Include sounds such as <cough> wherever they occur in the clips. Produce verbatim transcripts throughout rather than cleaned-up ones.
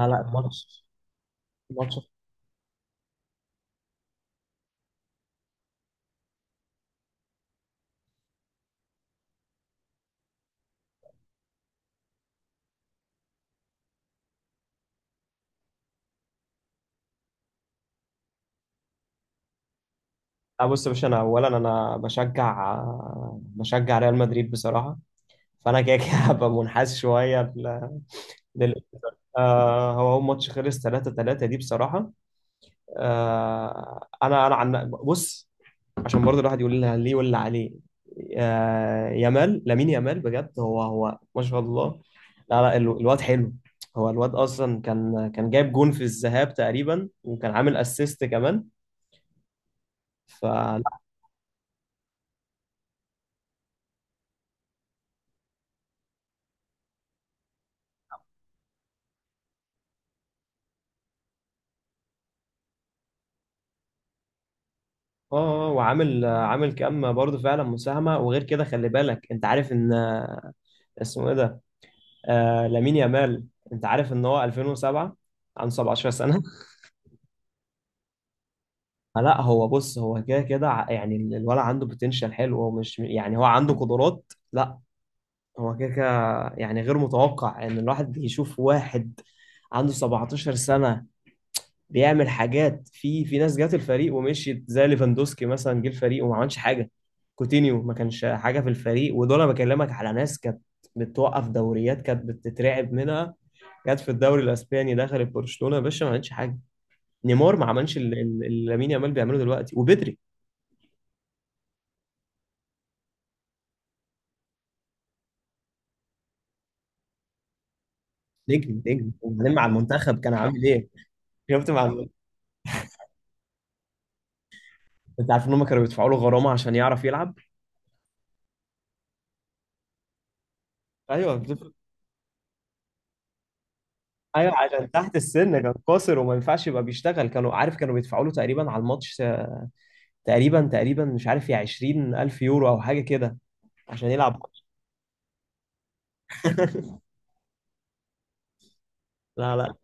لا لا الماتش الماتش آه بص يا باشا، انا اولا انا بشجع آه، بشجع ريال مدريد بصراحه. فانا كده كده <laughs> هبقى منحاز شويه ل- لل... آه هو هو ماتش خلص ثلاثة ثلاثة دي بصراحه. آه انا انا عن بص، عشان برضه الواحد يقول لها ليه ولا عليه. آه يامال لامين يامال بجد، هو هو ما شاء الله. لا لا ال- الواد حلو. هو الواد اصلا كان كان جايب جون في الذهاب تقريبا، وكان عامل اسيست كمان. اه آه، وعامل آه، عامل كام برضه فعلا مساهمه. وغير كده خلي بالك، انت عارف ان آه، اسمه ايه ده، آه لامين يامال، انت عارف ان هو ألفين وسبعة، عنده سبعة عشر سنه. <laughs> فلا هو بص، هو كده كده ع- يعني الولد عنده بوتنشال حلو، هو مش يعني هو عنده قدرات. لا هو كده كده، يعني غير متوقع ان الواحد يشوف واحد عنده سبعتاشر سنه بيعمل حاجات. في في ناس جات الفريق ومشيت، زي ليفاندوسكي مثلا، جه الفريق وما عملش حاجه. كوتينيو ما كانش حاجه في الفريق، ودول انا بكلمك على ناس كانت بتوقف دوريات، كانت بتترعب منها. جت في الدوري الاسباني، دخلت برشلونه يا باشا، ما عملتش حاجه. نيمار ما عملش اللي اللي- اللي لامين يامال بيعمله دلوقتي، وبدري. نجم نجم. وبعدين مع المنتخب كان عامل ايه؟ شفت مع الم- انت عارف ان هم كانوا بيدفعوا له غرامه عشان يعرف يلعب؟ ايوه بتفرق. ايوه عشان تحت السن كان قاصر، وما ينفعش يبقى بيشتغل. كانوا، عارف، كانوا بيدفعوا له تقريبا على الماتش، تقريبا تقريبا مش عارف، يا عشرين ألف يورو أو حاجة كده، عشان يلعب. لا لا.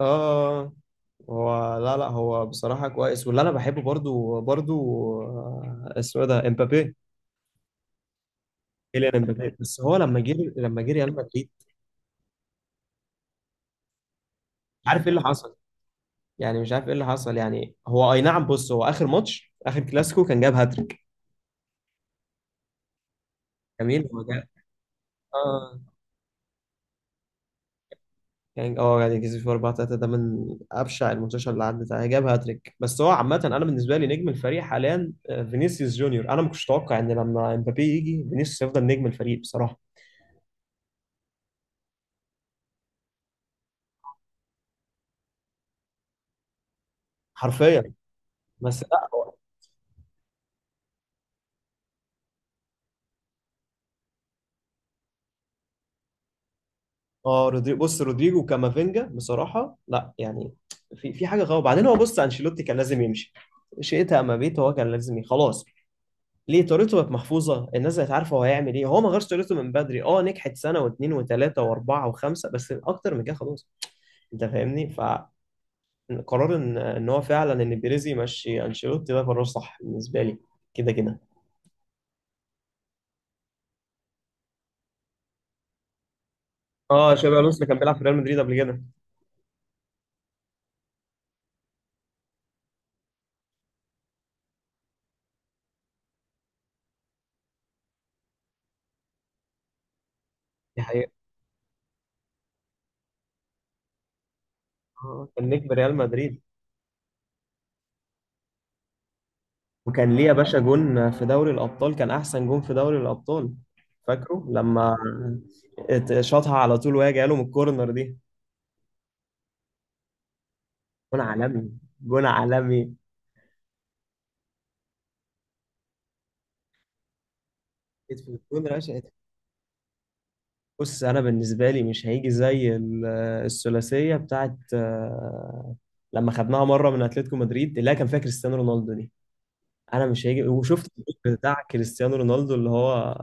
اه هو لا لا هو بصراحة كويس، واللي انا بحبه برضو برضو آه، اسمه إيه ده، امبابي. كيليان امبابي، بس هو لما جه لما جه ريال مدريد مش عارف ايه اللي حصل. يعني مش عارف ايه اللي حصل. يعني هو اي نعم بص، هو اخر ماتش اخر كلاسيكو كان جاب هاتريك جميل. هو جاب اه كان، اه يعني كسب في اربعة تلاتة، ده من ابشع الماتشات اللي عدت عليها. جاب هاتريك، بس هو عامه انا بالنسبه لي نجم الفريق حاليا آه، فينيسيوس جونيور. انا ما كنتش اتوقع ان لما امبابي يجي، فينيسيوس يفضل نجم الفريق بصراحه. حرفيا. بس لا هو- اه رودري، بص رودريجو كامافينجا بصراحه، لا يعني في في حاجه غلط. بعدين هو بص، انشيلوتي كان لازم يمشي. شئت ام ابيت، هو كان لازم يمشي خلاص. ليه؟ طريقته بقت محفوظه، الناس بقت عارفه هو هيعمل ايه. هو ما غيرش طريقته من بدري، اه نجحت سنه واثنين وثلاثه واربعه وخمسه، بس اكتر من كده خلاص. انت فاهمني. فقرار ان ان هو فعلا ان بيريز يمشي انشيلوتي ده قرار صح بالنسبه لي. كده كده. اه شابي الونسو اللي كان بيلعب في ريال مدريد قبل كده. دي حقيقة. آه، كان نجم ريال مدريد. وكان ليه يا باشا جون في دوري الابطال، كان احسن جون في دوري الابطال. فاكره لما ات- شاطها على طول وهي جايه له من الكورنر دي، جون عالمي. جون عالمي. اتفل- جون راشق. بص انا بالنسبه لي مش هيجي زي ال- الثلاثيه بتاعت آه، لما خدناها مره من اتلتيكو مدريد، اللي هي كان فيها كريستيانو رونالدو دي. انا مش هيجي، وشفت الجول بتاع كريستيانو رونالدو اللي هو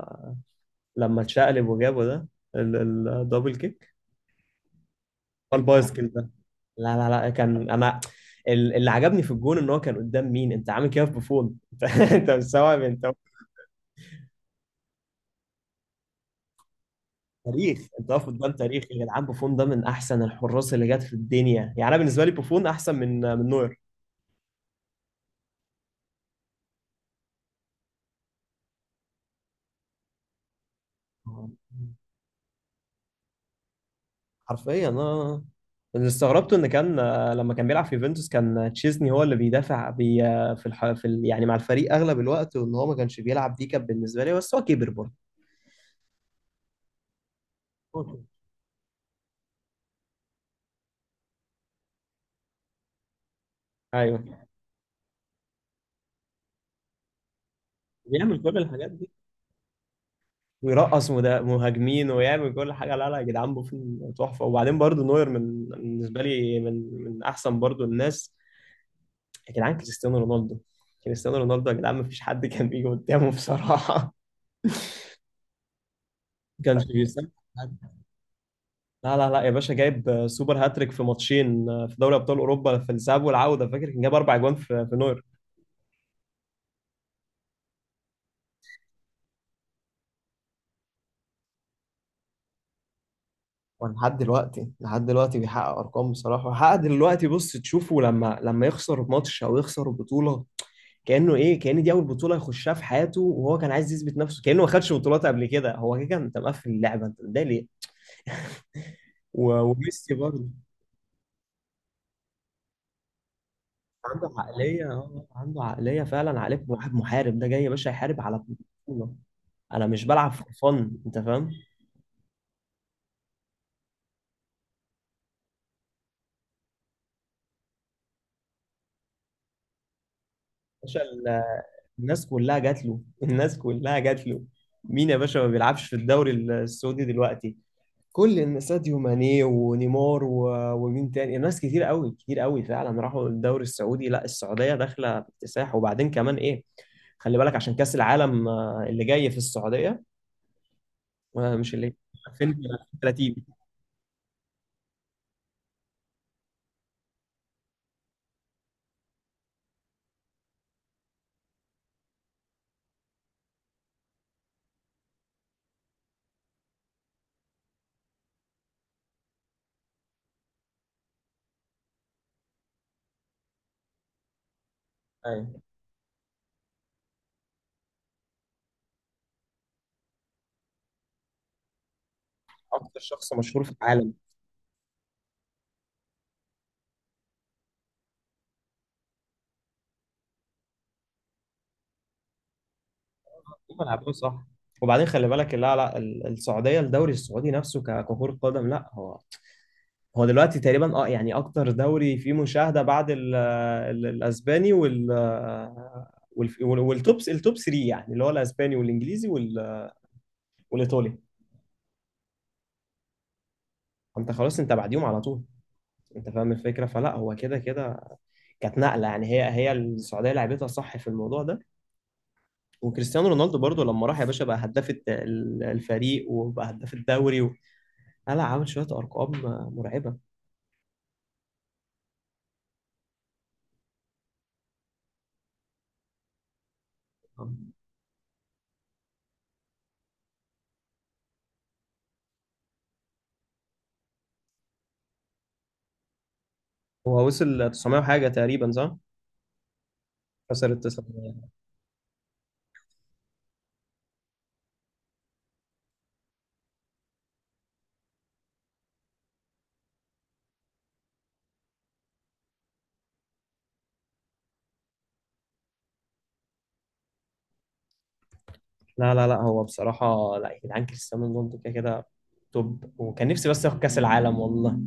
لما اتشقلب وجابه ده، ال- الدبل كيك، هو البايسكل ده. لا لا لا كان انا ال- اللي عجبني في الجون ان هو كان قدام مين، انت عامل كده في بوفون؟ <laughs> انت انت مستوعب؟ انت تاريخ، انت واقف قدام تاريخ يا جدعان. بوفون ده من احسن الحراس اللي جت في الدنيا يعني، انا بالنسبه لي بوفون احسن من من نوير. حرفيا. اه اللي استغربته ان كان آه، لما كان بيلعب في يوفنتوس كان تشيزني هو اللي بيدافع بي آه، في الح... في ال... يعني مع الفريق اغلب الوقت، وان هو ما كانش بيلعب، دي كانت بالنسبه لي. بس هو كبر برضه. ايوه. بيعمل كل الحاجات دي، ويرقص مدا- مهاجمين، ويعمل كل حاجه. لا لا يا جدعان، بوفون تحفه، وبعدين برضو نوير من بالنسبه لي من من احسن برضو الناس. يا جدعان كريستيانو رونالدو. كريستيانو رونالدو يا جدعان، ما فيش حد كان بيجي قدامه بصراحه. <laughs> ما كانش بيسامح. لا لا لا يا باشا، جايب سوبر هاتريك في ماتشين في دوري ابطال اوروبا، في الذهاب والعوده. فاكر كان جايب اربع اجوان في في نوير. ولحد دلوقتي لحد دلوقتي بيحقق ارقام بصراحه. حقق دلوقتي. بص تشوفه لما لما يخسر ماتش او يخسر بطوله، كانه ايه، كان دي اول بطوله يخشها في حياته، وهو كان عايز يثبت نفسه كانه ما خدش بطولات قبل كده. هو كده، كان انت مقفل اللعبه انت، ده ليه؟ و- وميسي برضه، عنده عقليه آه، عنده عقليه فعلا، عقليه واحد محارب. ده جاي يا باشا يحارب على بطوله. انا مش بلعب في فن، انت فاهم؟ باشا الناس كلها جات له. <laughs> الناس كلها جات له. مين يا باشا ما بيلعبش في الدوري السعودي دلوقتي؟ كل الناس، ساديو ماني ونيمار و- ومين تاني، ناس كتير قوي كتير قوي فعلا راحوا الدوري السعودي. لا السعودية داخلة باكتساح. وبعدين كمان ايه، خلي بالك عشان كأس العالم آه، اللي جاي في السعودية آه، مش اللي ألفين وثلاثين. أيوة. اكتر شخص مشهور في العالم. هم لعبوه صح. وبعدين خلي بالك، لا لا ال- السعوديه الدوري السعودي نفسه ك- ككره قدم. لا هو هو دلوقتي تقريبا، اه يعني اكتر دوري فيه مشاهده بعد ال ال الاسباني وال وال- وال- والتوب التوب تلاتة، يعني اللي هو الاسباني والانجليزي وال- والايطالي. انت خلاص انت بعديهم على طول. انت فاهم الفكره؟ فلا هو كده كده كانت نقله. يعني هي هي السعوديه لعبتها صح في الموضوع ده. وكريستيانو رونالدو برضو لما راح يا باشا بقى هداف الت- ال- الفريق، وبقى هداف الدوري و... لا عامل شويه ارقام مرعبه. هو وصل تسعمية وحاجه تقريبا صح؟ كسر التسعة. لا لا لا هو بصراحة لا يا جدعان، كريستيانو رونالدو كده كده توب. وكان نفسي بس ياخد كأس العالم والله.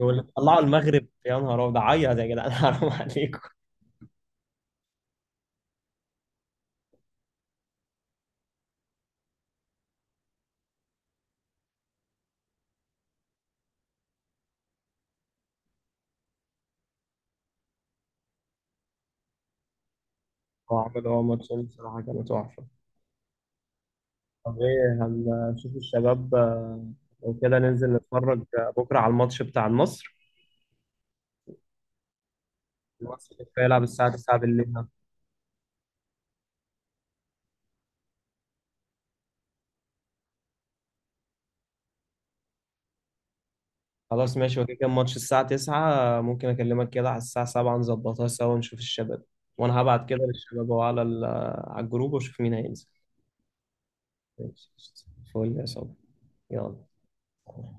يقول لك طلعوا المغرب، يا نهار أبيض، عيط يا جدعان. <laughs> حرام عليكم. هو عمل هو ماتشين بصراحة كانوا تحفة. طب ايه، هنشوف الشباب آه، لو كده ننزل نتفرج آه، بكرة على الماتش بتاع مصر، الماتش اللي هيلعب الساعة تسعة بالليل. خلاص ماشي وكده، كان ماتش الساعة تسعة، ممكن أكلمك كده على الساعة السابعة نظبطها سوا نشوف الشباب. وأنا هبعت كده للشباب أهو على ال- على الجروب، وأشوف مين هينزل. ماشي. فول يا صاحبي. يلا.